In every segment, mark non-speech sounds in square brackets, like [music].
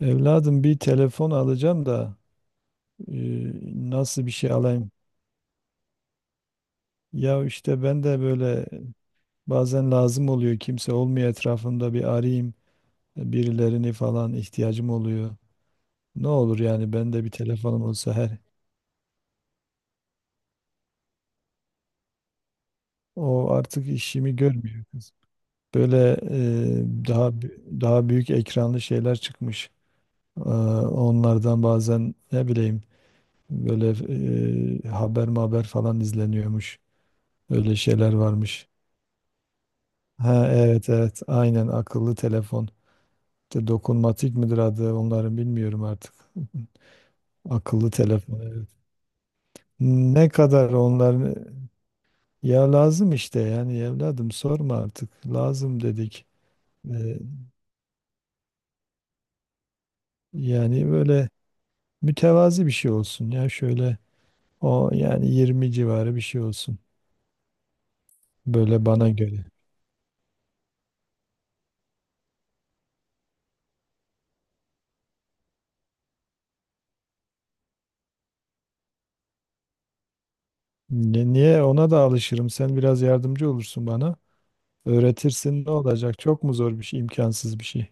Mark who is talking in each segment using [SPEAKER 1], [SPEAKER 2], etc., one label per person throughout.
[SPEAKER 1] Evladım bir telefon alacağım da, e, nasıl bir şey alayım? Ya işte ben de böyle bazen lazım oluyor, kimse olmuyor etrafımda, bir arayayım birilerini falan ihtiyacım oluyor. Ne olur yani ben de bir telefonum olsa her, o artık işimi görmüyor kız. Böyle daha daha büyük ekranlı şeyler çıkmış. Ee, Onlardan bazen ne bileyim böyle, haber maber falan izleniyormuş. Öyle şeyler varmış. Ha, evet, evet, aynen, akıllı telefon. İşte dokunmatik midir adı onların, bilmiyorum artık. [laughs] Akıllı telefon, evet. Ne kadar onların, ya lazım işte yani evladım, sorma artık, lazım dedik. Ee, Yani böyle mütevazi bir şey olsun ya, şöyle, o yani 20 civarı bir şey olsun, böyle bana göre. Niye, ona da alışırım, sen biraz yardımcı olursun bana, öğretirsin, ne olacak, çok mu zor bir şey, imkansız bir şey.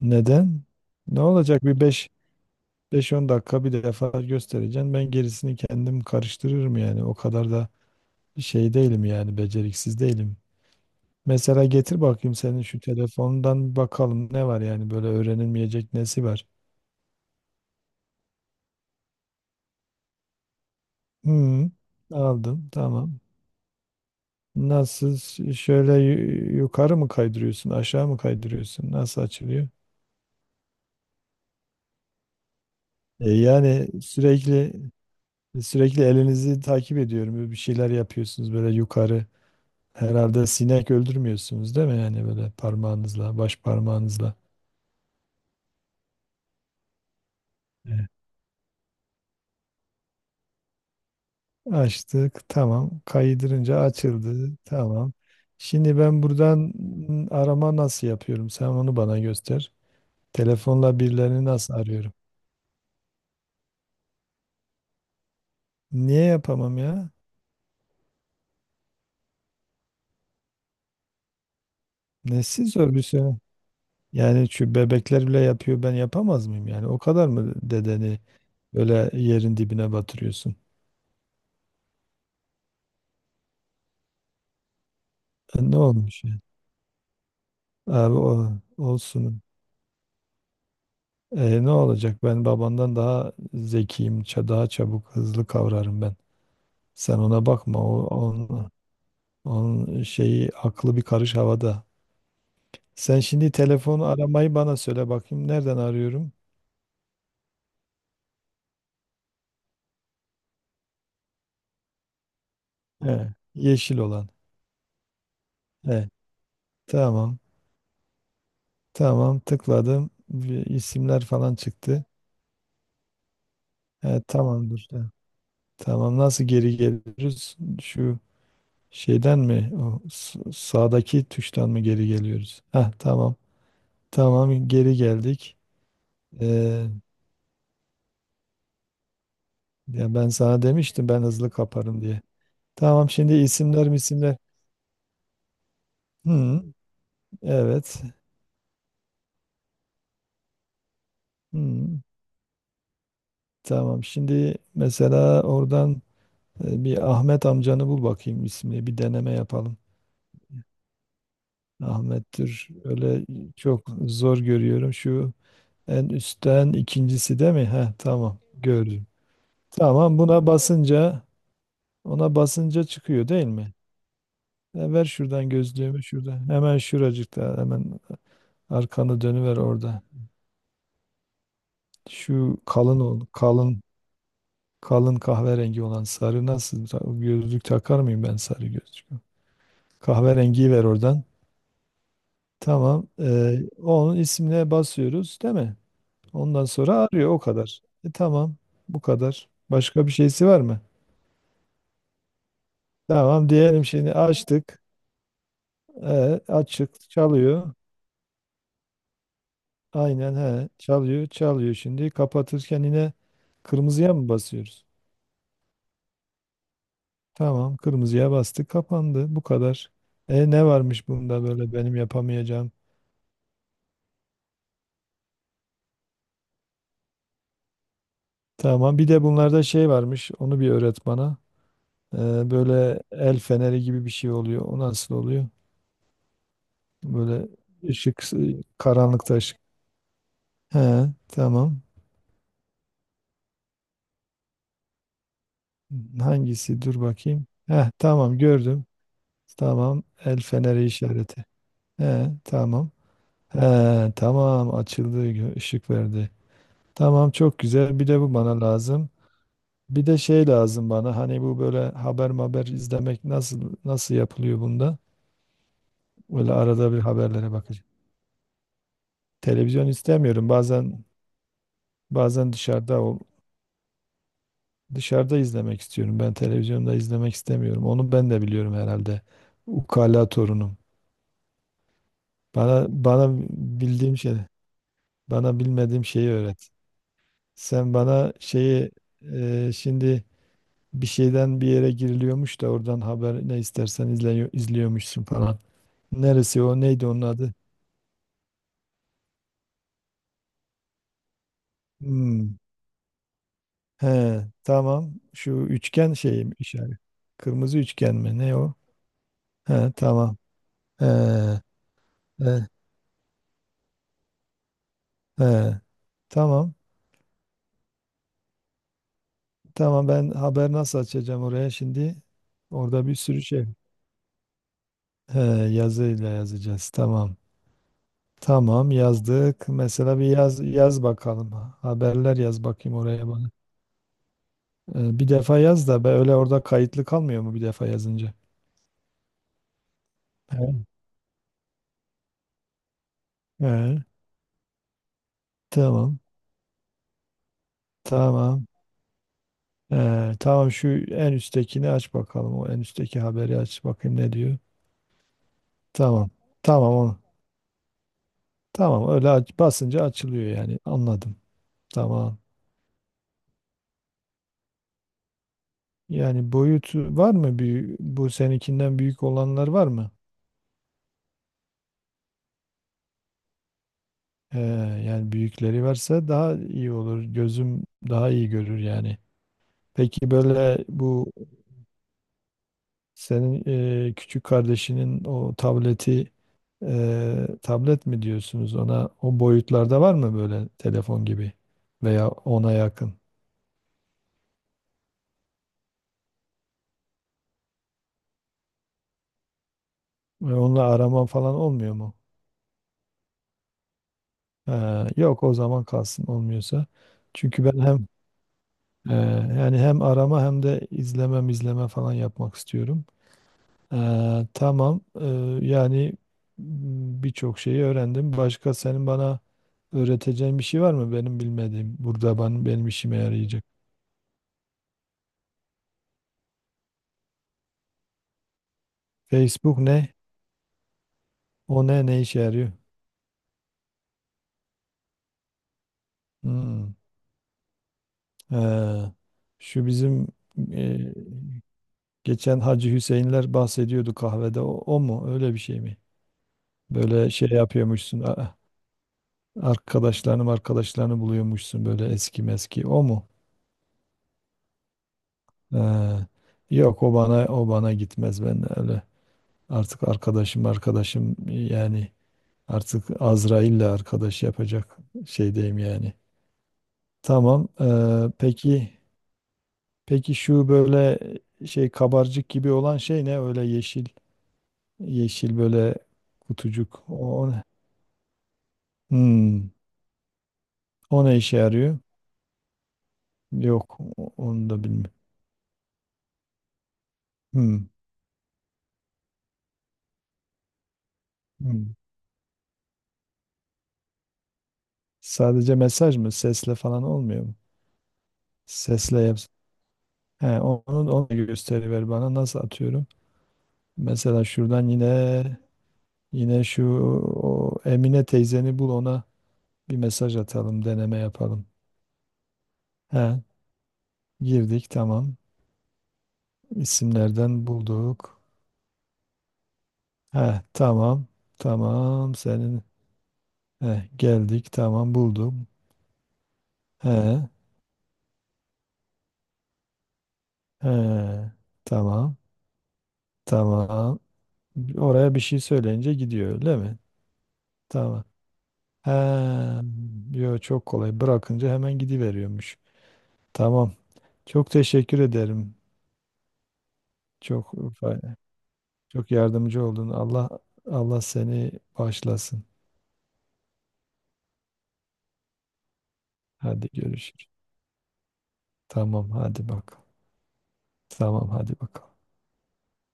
[SPEAKER 1] Neden? Ne olacak, bir beş, beş on dakika bir defa göstereceğim. Ben gerisini kendim karıştırırım yani. O kadar da şey değilim yani, beceriksiz değilim. Mesela getir bakayım, senin şu telefondan bir bakalım ne var, yani böyle öğrenilmeyecek nesi var. Hmm, aldım, tamam. Nasıl, şöyle yukarı mı kaydırıyorsun, aşağı mı kaydırıyorsun, nasıl açılıyor? E yani sürekli, sürekli elinizi takip ediyorum. Böyle bir şeyler yapıyorsunuz, böyle yukarı. Herhalde sinek öldürmüyorsunuz değil mi? Yani böyle parmağınızla, baş parmağınızla. Evet. Açtık, tamam. Kaydırınca açıldı, tamam. Şimdi ben buradan arama nasıl yapıyorum? Sen onu bana göster. Telefonla birilerini nasıl arıyorum? Niye yapamam ya? Nesi zor bir şey? Yani şu bebekler bile yapıyor, ben yapamaz mıyım? Yani o kadar mı dedeni böyle yerin dibine batırıyorsun? E, ne olmuş yani? Abi o, olsun. E, ne olacak? Ben babandan daha zekiyim, daha çabuk, hızlı kavrarım ben. Sen ona bakma, o onun şeyi aklı bir karış havada. Sen şimdi telefonu aramayı bana söyle bakayım. Nereden arıyorum? He, yeşil olan. He, tamam, tamam. Tıkladım, bir isimler falan çıktı. He, tamamdır. He, tamam, nasıl geri geliyoruz? Şu şeyden mi? O sağdaki tuştan mı geri geliyoruz? Heh, tamam, tamam. Geri geldik. Ee, Ya ben sana demiştim, ben hızlı kaparım diye. Tamam şimdi, isimler misimler. Hı, evet. Hı, tamam, şimdi mesela oradan bir Ahmet amcanı bul bakayım, ismini bir deneme yapalım. Ahmet'tir. Öyle çok zor görüyorum. Şu en üstten ikincisi değil mi? Heh, tamam, gördüm. Tamam, buna basınca ona basınca çıkıyor değil mi? E, ver şuradan gözlüğümü, şurada. Hemen şuracıkta, hemen arkanı dönüver orada. Şu kalın kalın kahverengi olan, sarı nasıl? Gözlük takar mıyım ben, sarı gözlük? Kahverengiyi ver oradan. Tamam. Onun ismine basıyoruz, değil mi? Ondan sonra arıyor, o kadar. Tamam. Bu kadar. Başka bir şeysi var mı? Tamam diyelim, şimdi açtık. Açık çalıyor. Aynen, he, çalıyor çalıyor, şimdi kapatırken yine kırmızıya mı basıyoruz? Tamam, kırmızıya bastı, kapandı. Bu kadar. Ne varmış bunda böyle benim yapamayacağım? Tamam, bir de bunlarda şey varmış. Onu bir öğret bana. Böyle el feneri gibi bir şey oluyor. O nasıl oluyor? Böyle ışık, karanlıkta ışık. He, tamam. Hangisi? Dur bakayım. He, tamam, gördüm. Tamam, el feneri işareti. He, tamam. He, tamam, açıldı, ışık verdi. Tamam, çok güzel. Bir de bu bana lazım. Bir de şey lazım bana, hani bu böyle haber haber izlemek nasıl nasıl yapılıyor bunda? Böyle arada bir haberlere bakacağım. Televizyon istemiyorum. Bazen dışarıda izlemek istiyorum. Ben televizyonda izlemek istemiyorum. Onu ben de biliyorum herhalde. Ukala torunum. Bana bildiğim şey, bana bilmediğim şeyi öğret. Sen bana şeyi, şimdi bir şeyden bir yere giriliyormuş da oradan haber ne istersen izliyormuşsun falan. Neresi o? Neydi onun adı? Hmm. He, tamam. Şu üçgen şeyi mi işaret? Kırmızı üçgen mi? Ne o? He, tamam. He, he, he. Tamam. Tamam ben haber nasıl açacağım oraya şimdi? Orada bir sürü şey. He, yazıyla yazacağız. Tamam. Tamam yazdık. Mesela bir yaz yaz bakalım. Haberler yaz bakayım oraya bana. Bir defa yaz da be, öyle orada kayıtlı kalmıyor mu bir defa yazınca? He, he. Tamam. Tamam. Tamam, şu en üsttekini aç bakalım. O en üstteki haberi aç bakayım ne diyor. Tamam. Tamam onu. Tamam öyle aç, basınca açılıyor yani. Anladım. Tamam. Yani boyutu var mı? Büyük, bu seninkinden büyük olanlar var mı? Ee, Yani büyükleri varsa daha iyi olur. Gözüm daha iyi görür yani. Peki böyle bu, senin küçük kardeşinin o tableti, tablet mi diyorsunuz ona, o boyutlarda var mı böyle telefon gibi veya ona yakın? Ve onunla arama falan olmuyor mu? Ha, yok, o zaman kalsın olmuyorsa. Çünkü ben hem e, yani hem arama hem de izleme falan yapmak istiyorum. Tamam. Yani birçok şeyi öğrendim. Başka senin bana öğreteceğin bir şey var mı benim bilmediğim? Burada benim işime yarayacak. Facebook ne? O ne? Ne işe yarıyor? Hmm. Ee, Şu bizim e, geçen Hacı Hüseyinler bahsediyordu kahvede. O mu? Öyle bir şey mi? Böyle şey yapıyormuşsun. Arkadaşlarını buluyormuşsun, böyle eski meski. O mu? Ee, Yok, o bana gitmez ben öyle. Artık arkadaşım yani, artık Azrail'le arkadaş yapacak şeydeyim yani. Tamam. Peki peki şu böyle şey kabarcık gibi olan şey ne? Öyle yeşil yeşil böyle kutucuk. O ne? Hmm, O ne işe yarıyor? Yok, onu da bilmiyorum. Hmm, hmm. Sadece mesaj mı? Sesle falan olmuyor mu? Sesle yap. He, onu gösteriver bana. Nasıl atıyorum? Mesela şuradan yine şu o Emine teyzeni bul, ona bir mesaj atalım, deneme yapalım. He, girdik, tamam. İsimlerden bulduk. He, tamam. Tamam senin. He, geldik, tamam, buldum. He, he, tamam. Tamam. Oraya bir şey söyleyince gidiyor öyle mi? Tamam. He, yo çok kolay. Bırakınca hemen gidiveriyormuş. Tamam. Çok teşekkür ederim. Çok Çok yardımcı oldun. Allah seni bağışlasın. Hadi görüşürüz. Tamam, hadi bak. Tamam, hadi bakalım.